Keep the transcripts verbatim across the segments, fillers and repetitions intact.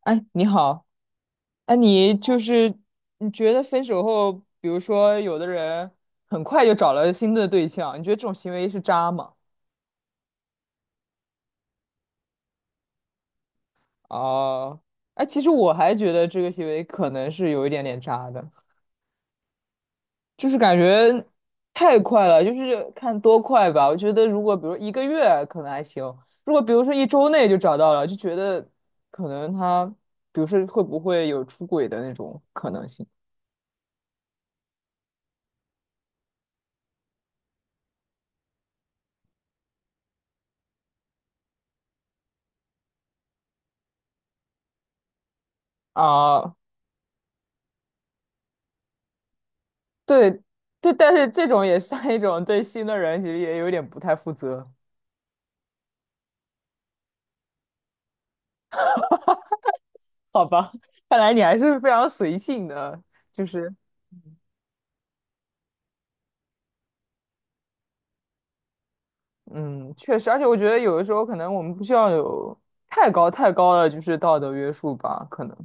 哎，你好。哎，你就是你觉得分手后，比如说有的人很快就找了新的对象，你觉得这种行为是渣吗？哦，哎，其实我还觉得这个行为可能是有一点点渣的，就是感觉太快了，就是看多快吧。我觉得如果比如一个月可能还行，如果比如说一周内就找到了，就觉得可能他，比如说会不会有出轨的那种可能性。啊？对对，但是这种也算一种对新的人，其实也有点不太负责。好吧？看来你还是非常随性的，就是嗯，确实，而且我觉得有的时候可能我们不需要有太高太高的就是道德约束吧，可能。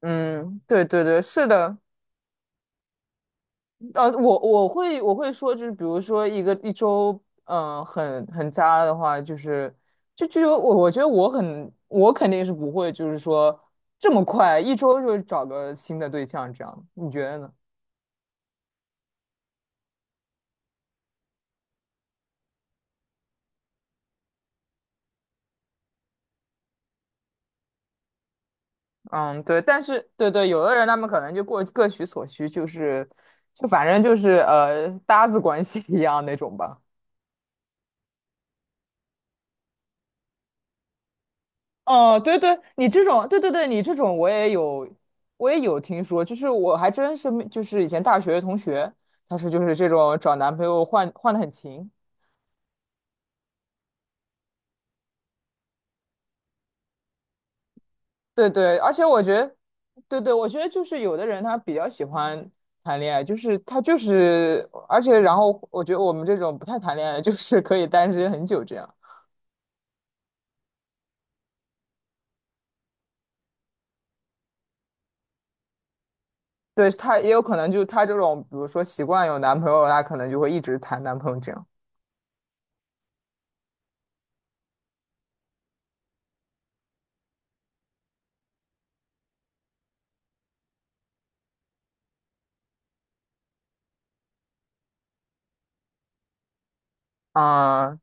嗯，对对对，是的。呃，我我会我会说，就是比如说一个一周，嗯、很很渣的话，就是就就有我我觉得我很我肯定是不会，就是说这么快一周就找个新的对象这样，你觉得呢？嗯，对，但是对对，有的人他们可能就过各取所需，就是就反正就是呃搭子关系一样那种吧。哦，对对，你这种，对对对，你这种我也有，我也有听说，就是我还真是没，就是以前大学的同学，他是就是这种找男朋友换换的很勤。对对，而且我觉得，对对，我觉得就是有的人他比较喜欢谈恋爱，就是他就是，而且然后我觉得我们这种不太谈恋爱就是可以单身很久这样。对，他也有可能就他这种，比如说习惯有男朋友，他可能就会一直谈男朋友这样。啊、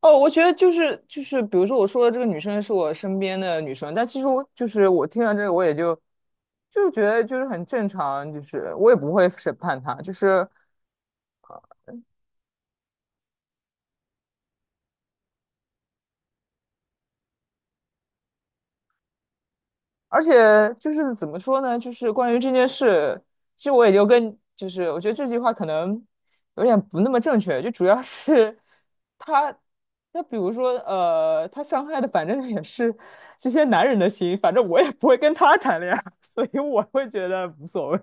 哦，我觉得就是就是，比如说我说的这个女生是我身边的女生，但其实我就是我听到这个，我也就就是觉得就是很正常，就是我也不会审判她，就是而且就是怎么说呢，就是关于这件事，其实我也就跟就是我觉得这句话可能有点不那么正确，就主要是她她比如说呃，她伤害的反正也是这些男人的心，反正我也不会跟他谈恋爱，所以我会觉得无所谓。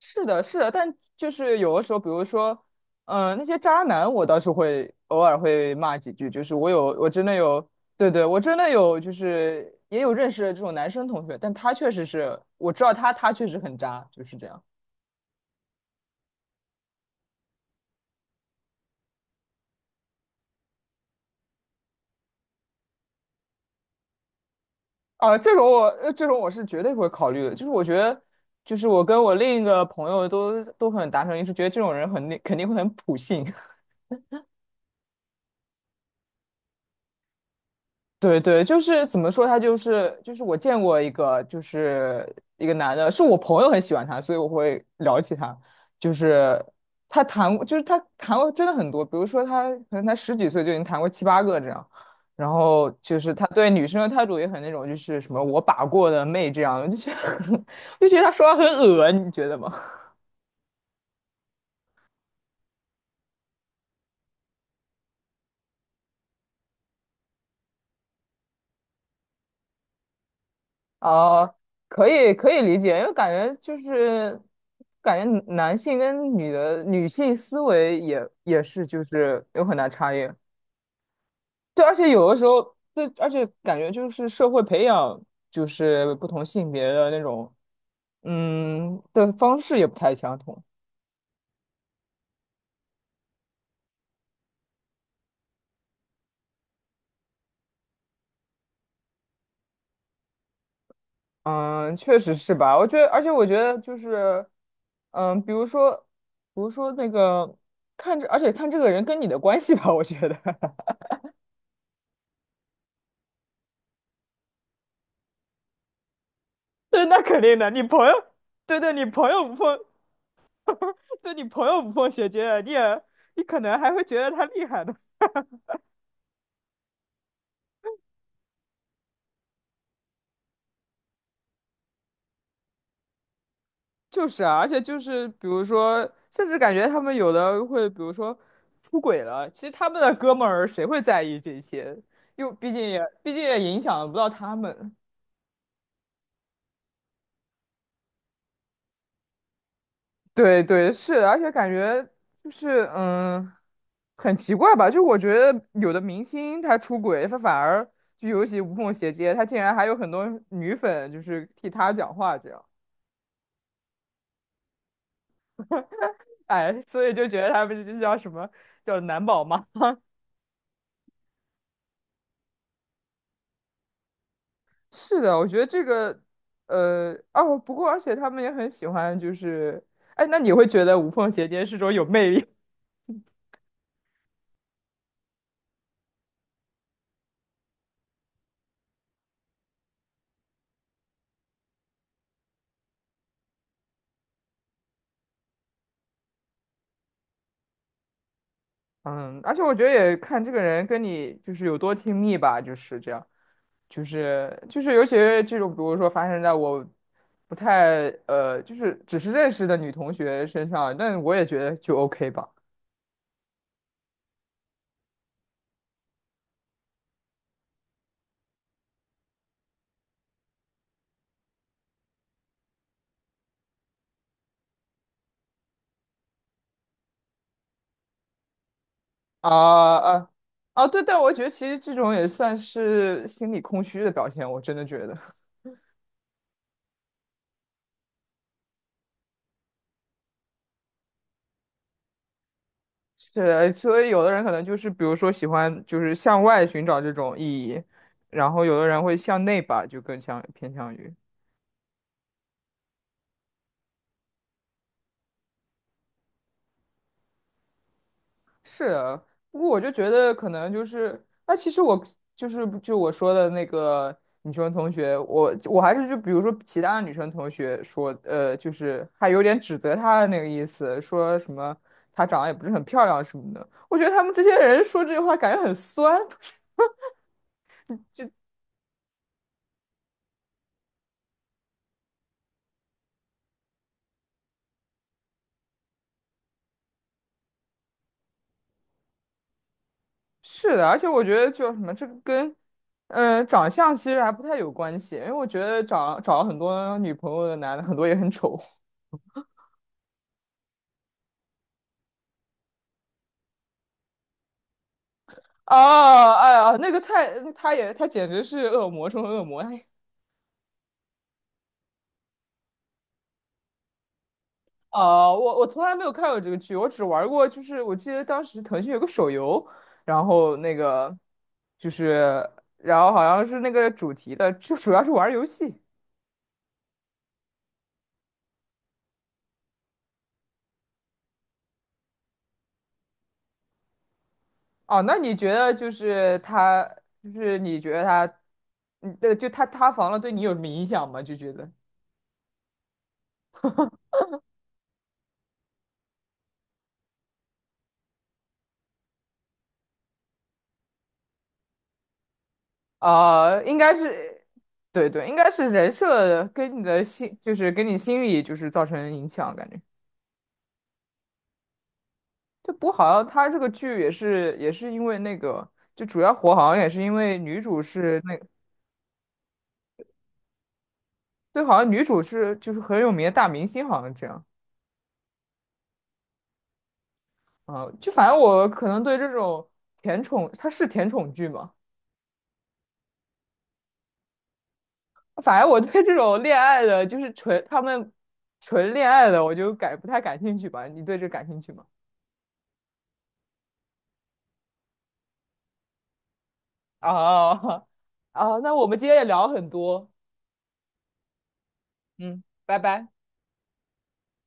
是的，是的，但就是有的时候，比如说，嗯、那些渣男，我倒是会偶尔会骂几句，就是我有，我真的有，对对，我真的有，就是也有认识的这种男生同学，但他确实是，我知道他，他确实很渣，就是这样。啊、这种我，呃这种我是绝对不会考虑的，就是我觉得，就是我跟我另一个朋友都都很达成一致，觉得这种人很肯定会很普信。对对，就是怎么说，他就是就是我见过一个，就是一个男的，是我朋友很喜欢他，所以我会聊起他。就是他谈过，就是他谈过真的很多，比如说他可能才十几岁就已经谈过七八个这样，然后就是他对女生的态度也很那种，就是什么我把过的妹这样，就是 就觉得他说话很恶，你觉得吗？哦，可以可以理解，因为感觉就是感觉男性跟女的女性思维也也是就是有很大差异。对，而且有的时候，对，而且感觉就是社会培养就是不同性别的那种嗯的方式也不太相同。嗯，确实是吧？我觉得，而且我觉得就是，嗯，比如说，比如说那个看着，而且看这个人跟你的关系吧，我觉得。对，那肯定的。你朋友，对对，你朋友不缝，对你朋友无缝衔接，你也，你可能还会觉得他厉害的。就是啊，而且就是，比如说，甚至感觉他们有的会，比如说出轨了，其实他们的哥们儿谁会在意这些？又毕竟也，毕竟也影响不到他们。对对，是的，而且感觉就是嗯，很奇怪吧？就我觉得有的明星他出轨，他反而就尤其无缝衔接，他竟然还有很多女粉就是替他讲话这样。哎，所以就觉得他们就叫什么叫男宝妈。是的，我觉得这个呃哦，不过而且他们也很喜欢，就是哎，那你会觉得无缝衔接是种有魅力？嗯，而且我觉得也看这个人跟你就是有多亲密吧，就是这样。就是就是，尤其是这种，比如说发生在我不太呃，就是只是认识的女同学身上，那我也觉得就 OK 吧。啊啊啊！对，但我觉得其实这种也算是心理空虚的表现，我真的觉得是。所以有的人可能就是，比如说喜欢就是向外寻找这种意义，然后有的人会向内吧，就更像偏向于。是啊，不过我就觉得可能就是，那其实我就是就我说的那个女生同学，我我还是就比如说其他女生同学说，呃，就是还有点指责她的那个意思，说什么她长得也不是很漂亮什么的。我觉得他们这些人说这句话感觉很酸。是的，而且我觉得就什么这个跟，嗯、呃长相其实还不太有关系，因为我觉得找找了很多女朋友的男的很多也很丑。啊，哎呀，那个太，他也，他简直是恶魔中的恶魔。哎，啊，我我从来没有看过这个剧，我只玩过，就是我记得当时腾讯有个手游，然后那个就是，然后好像是那个主题的，就主要是玩游戏。哦，那你觉得就是他，就是你觉得他，嗯，对，就他塌房了，对你有什么影响吗？就觉得，啊，应该是，对对，应该是人设跟你的心，就是跟你心理就是造成影响，感觉。这不好像他这个剧也是也是因为那个，就主要火好像也是因为女主是那对，好像女主是就是很有名的大明星，好像这样啊。就反正我可能对这种甜宠，它是甜宠剧嘛，反正我对这种恋爱的，就是纯他们纯恋爱的，我就感不太感兴趣吧。你对这感兴趣吗？啊啊，那我们今天也聊了很多。嗯，拜拜。